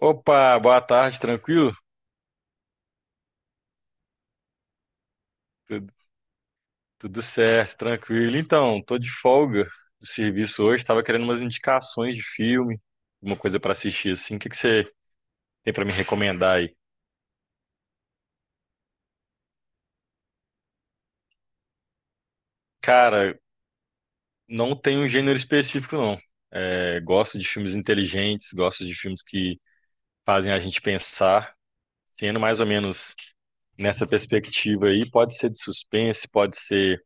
Opa, boa tarde, tranquilo? Tudo, tudo certo, tranquilo. Então, tô de folga do serviço hoje, tava querendo umas indicações de filme, uma coisa pra assistir assim. O que que você tem pra me recomendar aí? Cara, não tem um gênero específico não. É, gosto de filmes inteligentes, gosto de filmes que fazem a gente pensar, sendo mais ou menos nessa perspectiva aí, pode ser de suspense, pode ser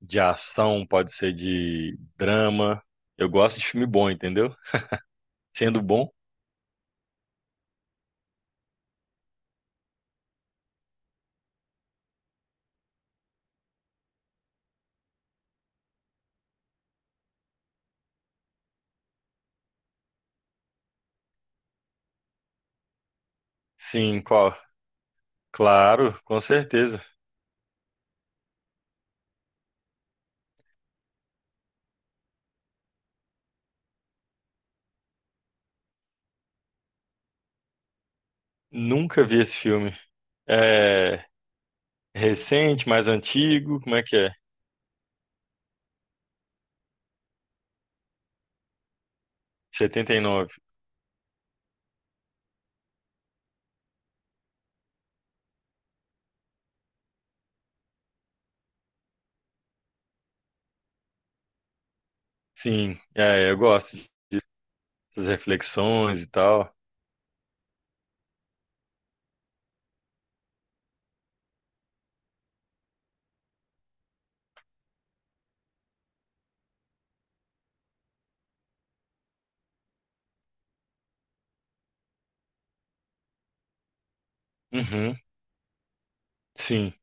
de ação, pode ser de drama. Eu gosto de filme bom, entendeu? Sendo bom. Sim, qual? Claro, com certeza. Nunca vi esse filme. É recente, mais antigo, como é que é? Setenta e nove. Sim, é, eu gosto dessas reflexões e tal. Uhum, sim,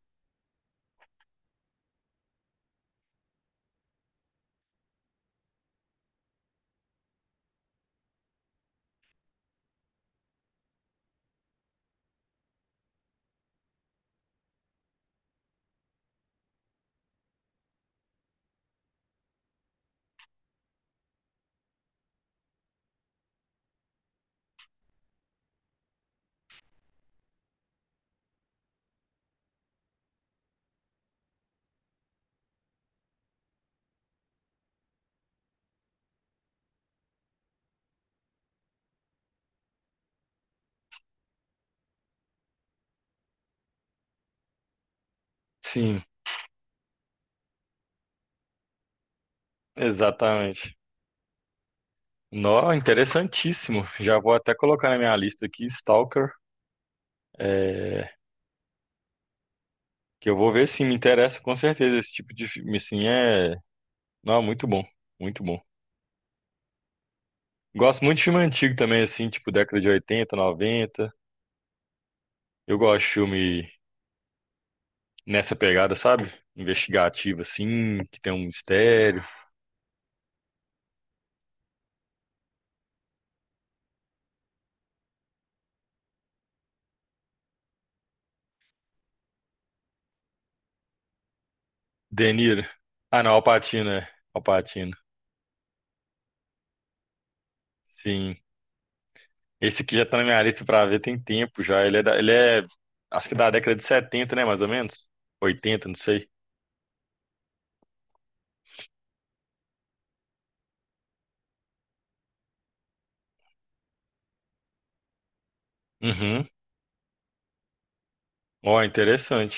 sim, exatamente. Nó, interessantíssimo. Já vou até colocar na minha lista aqui, Stalker, é, que eu vou ver se me interessa com certeza esse tipo de filme, assim, é... Não, muito bom, muito bom. Gosto muito de filme antigo também, assim, tipo década de oitenta noventa. Eu gosto de filme nessa pegada, sabe? Investigativo, assim, que tem um mistério. De Niro. Ah, não, Al Pacino, é. Al Pacino. Sim. Esse aqui já tá na minha lista pra ver tem tempo já. Ele é, acho que da década de 70, né, mais ou menos? 80, não sei. Uhum. Ó, interessante.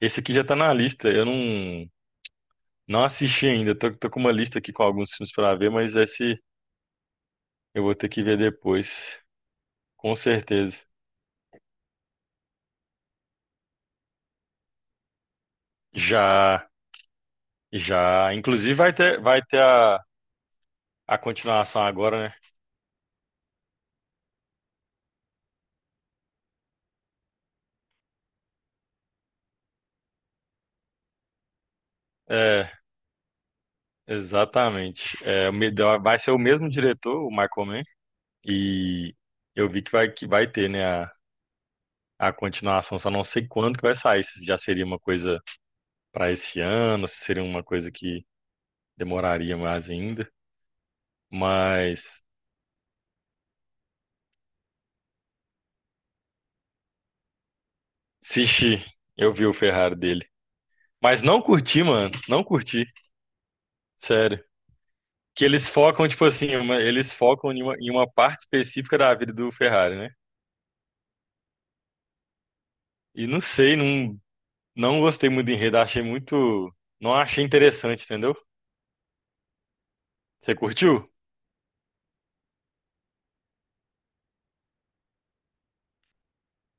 Esse aqui já tá na lista. Eu não, não assisti ainda. Tô com uma lista aqui com alguns filmes pra ver, mas esse eu vou ter que ver depois. Com certeza. Já. Já, inclusive vai ter a continuação agora, né? É, exatamente. Vai ser o mesmo diretor, o Michael Mann, e eu vi que vai ter, né, a continuação, só não sei quando que vai sair, se já seria uma coisa para esse ano, se seria uma coisa que demoraria mais ainda. Mas, Sishi, eu vi o Ferrari dele. Mas não curti, mano, não curti, sério. Que eles focam, tipo assim, eles focam em uma parte específica da vida do Ferrari, né? E não sei, não, não gostei muito do enredo, achei muito. Não achei interessante, entendeu? Você curtiu?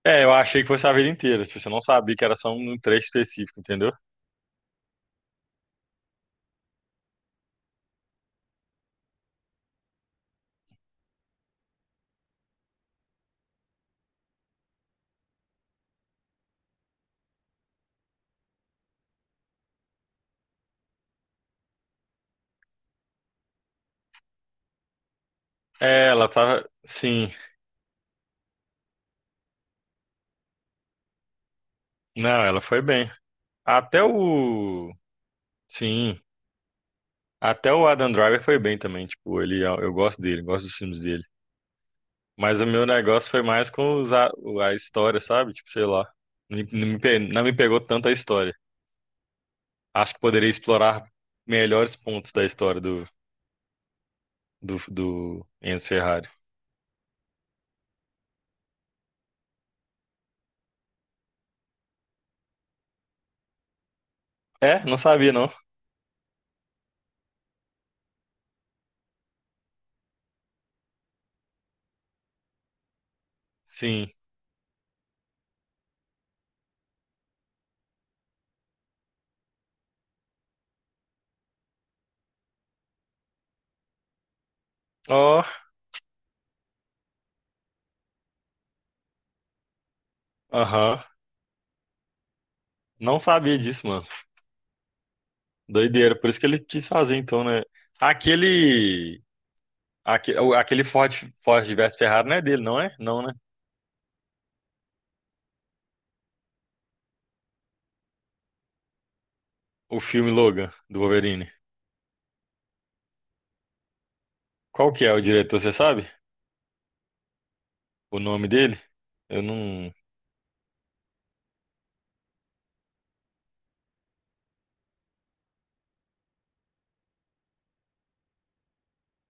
É, eu achei que fosse a vida inteira, tipo, você não sabia que era só um trecho específico, entendeu? É, ela tava. Sim, não, ela foi bem. Até o. Sim, até o Adam Driver foi bem também, tipo, ele, é, eu gosto dele, gosto dos filmes dele. Mas o meu negócio foi mais com a história, sabe? Tipo, sei lá. Não me pegou tanto a história. Acho que poderia explorar melhores pontos da história do Enzo Ferrari. É, não sabia, não. Sim. Ó, aham. Não sabia disso, mano. Doideira. Por isso que ele quis fazer, então, né? Aquele. Aquele Ford, Ford versus Ferrari não é dele, não é? Não, né? O filme Logan, do Wolverine. Qual que é o diretor, você sabe? O nome dele? Eu não.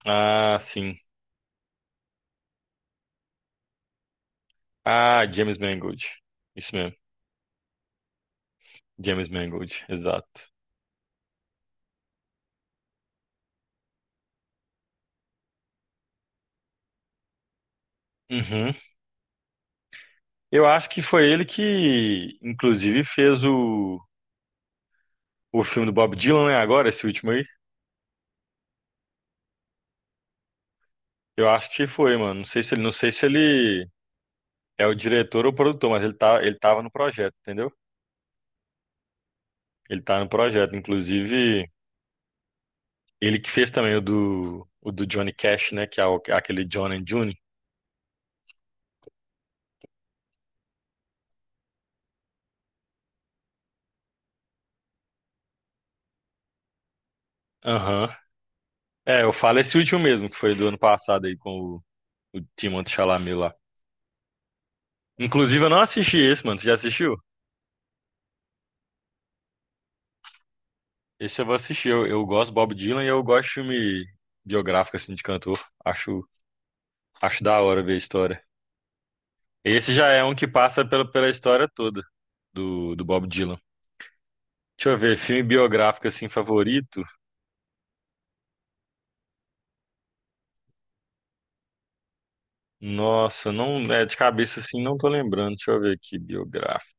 Ah, sim. Ah, James Mangold. Isso mesmo. James Mangold, exato. Uhum. Eu acho que foi ele que, inclusive, fez o filme do Bob Dylan, né? Agora, esse último aí. Eu acho que foi, mano. Não sei se ele é o diretor ou o produtor, mas ele tá, ele tava no projeto, entendeu? Ele tá no projeto. Inclusive, ele que fez também o do Johnny Cash, né? Que é aquele John and June. Aham. É, eu falo esse último mesmo, que foi do ano passado aí com o Timothée Chalamet lá. Inclusive, eu não assisti esse, mano. Você já assistiu? Esse eu vou assistir. Eu gosto do Bob Dylan e eu gosto de filme biográfico, assim, de cantor. Acho, acho da hora ver a história. Esse já é um que passa pela, pela história toda do, do Bob Dylan. Deixa eu ver, filme biográfico, assim, favorito? Nossa, não, é de cabeça, assim, não tô lembrando. Deixa eu ver aqui, biográfico.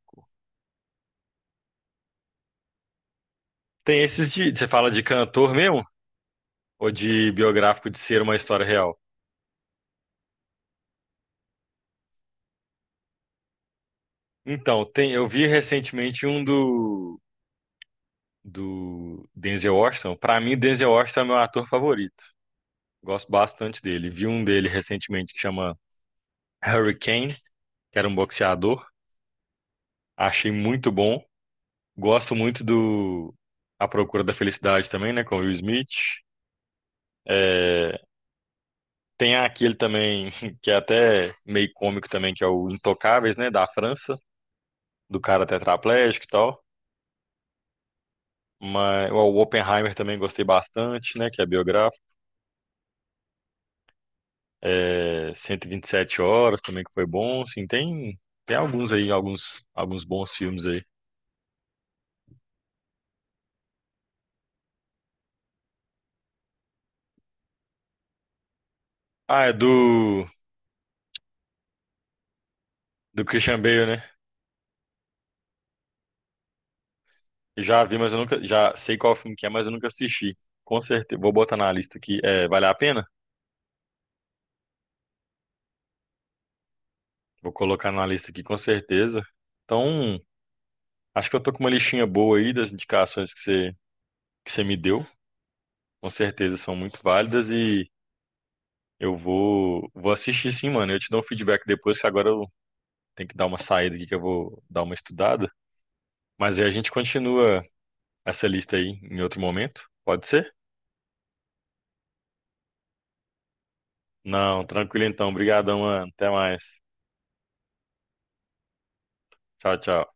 Tem esses de, você fala de cantor mesmo? Ou de biográfico de ser uma história real? Então, tem, eu vi recentemente um do Denzel Washington, pra mim Denzel Washington é meu ator favorito. Gosto bastante dele. Vi um dele recentemente que chama Hurricane, que era um boxeador. Achei muito bom. Gosto muito do A Procura da Felicidade também, né, com o Will Smith. É, tem aquele também que é até meio cômico também, que é o Intocáveis, né, da França, do cara tetraplégico e tal. Mas ó, o Oppenheimer também gostei bastante, né, que é biográfico. É, 127 horas também que foi bom, assim, tem alguns aí, alguns bons filmes aí. Ah, é do Christian Bale, né? Já vi, mas eu nunca já sei qual filme que é, mas eu nunca assisti. Com certeza, vou botar na lista aqui. É, vale a pena? Vou colocar na lista aqui com certeza. Então, acho que eu tô com uma listinha boa aí das indicações que você me deu. Com certeza são muito válidas e eu vou assistir sim, mano. Eu te dou um feedback depois, que agora eu tenho que dar uma saída aqui que eu vou dar uma estudada. Mas aí a gente continua essa lista aí em outro momento. Pode ser? Não, tranquilo então. Obrigadão, mano. Até mais. Tchau, tchau.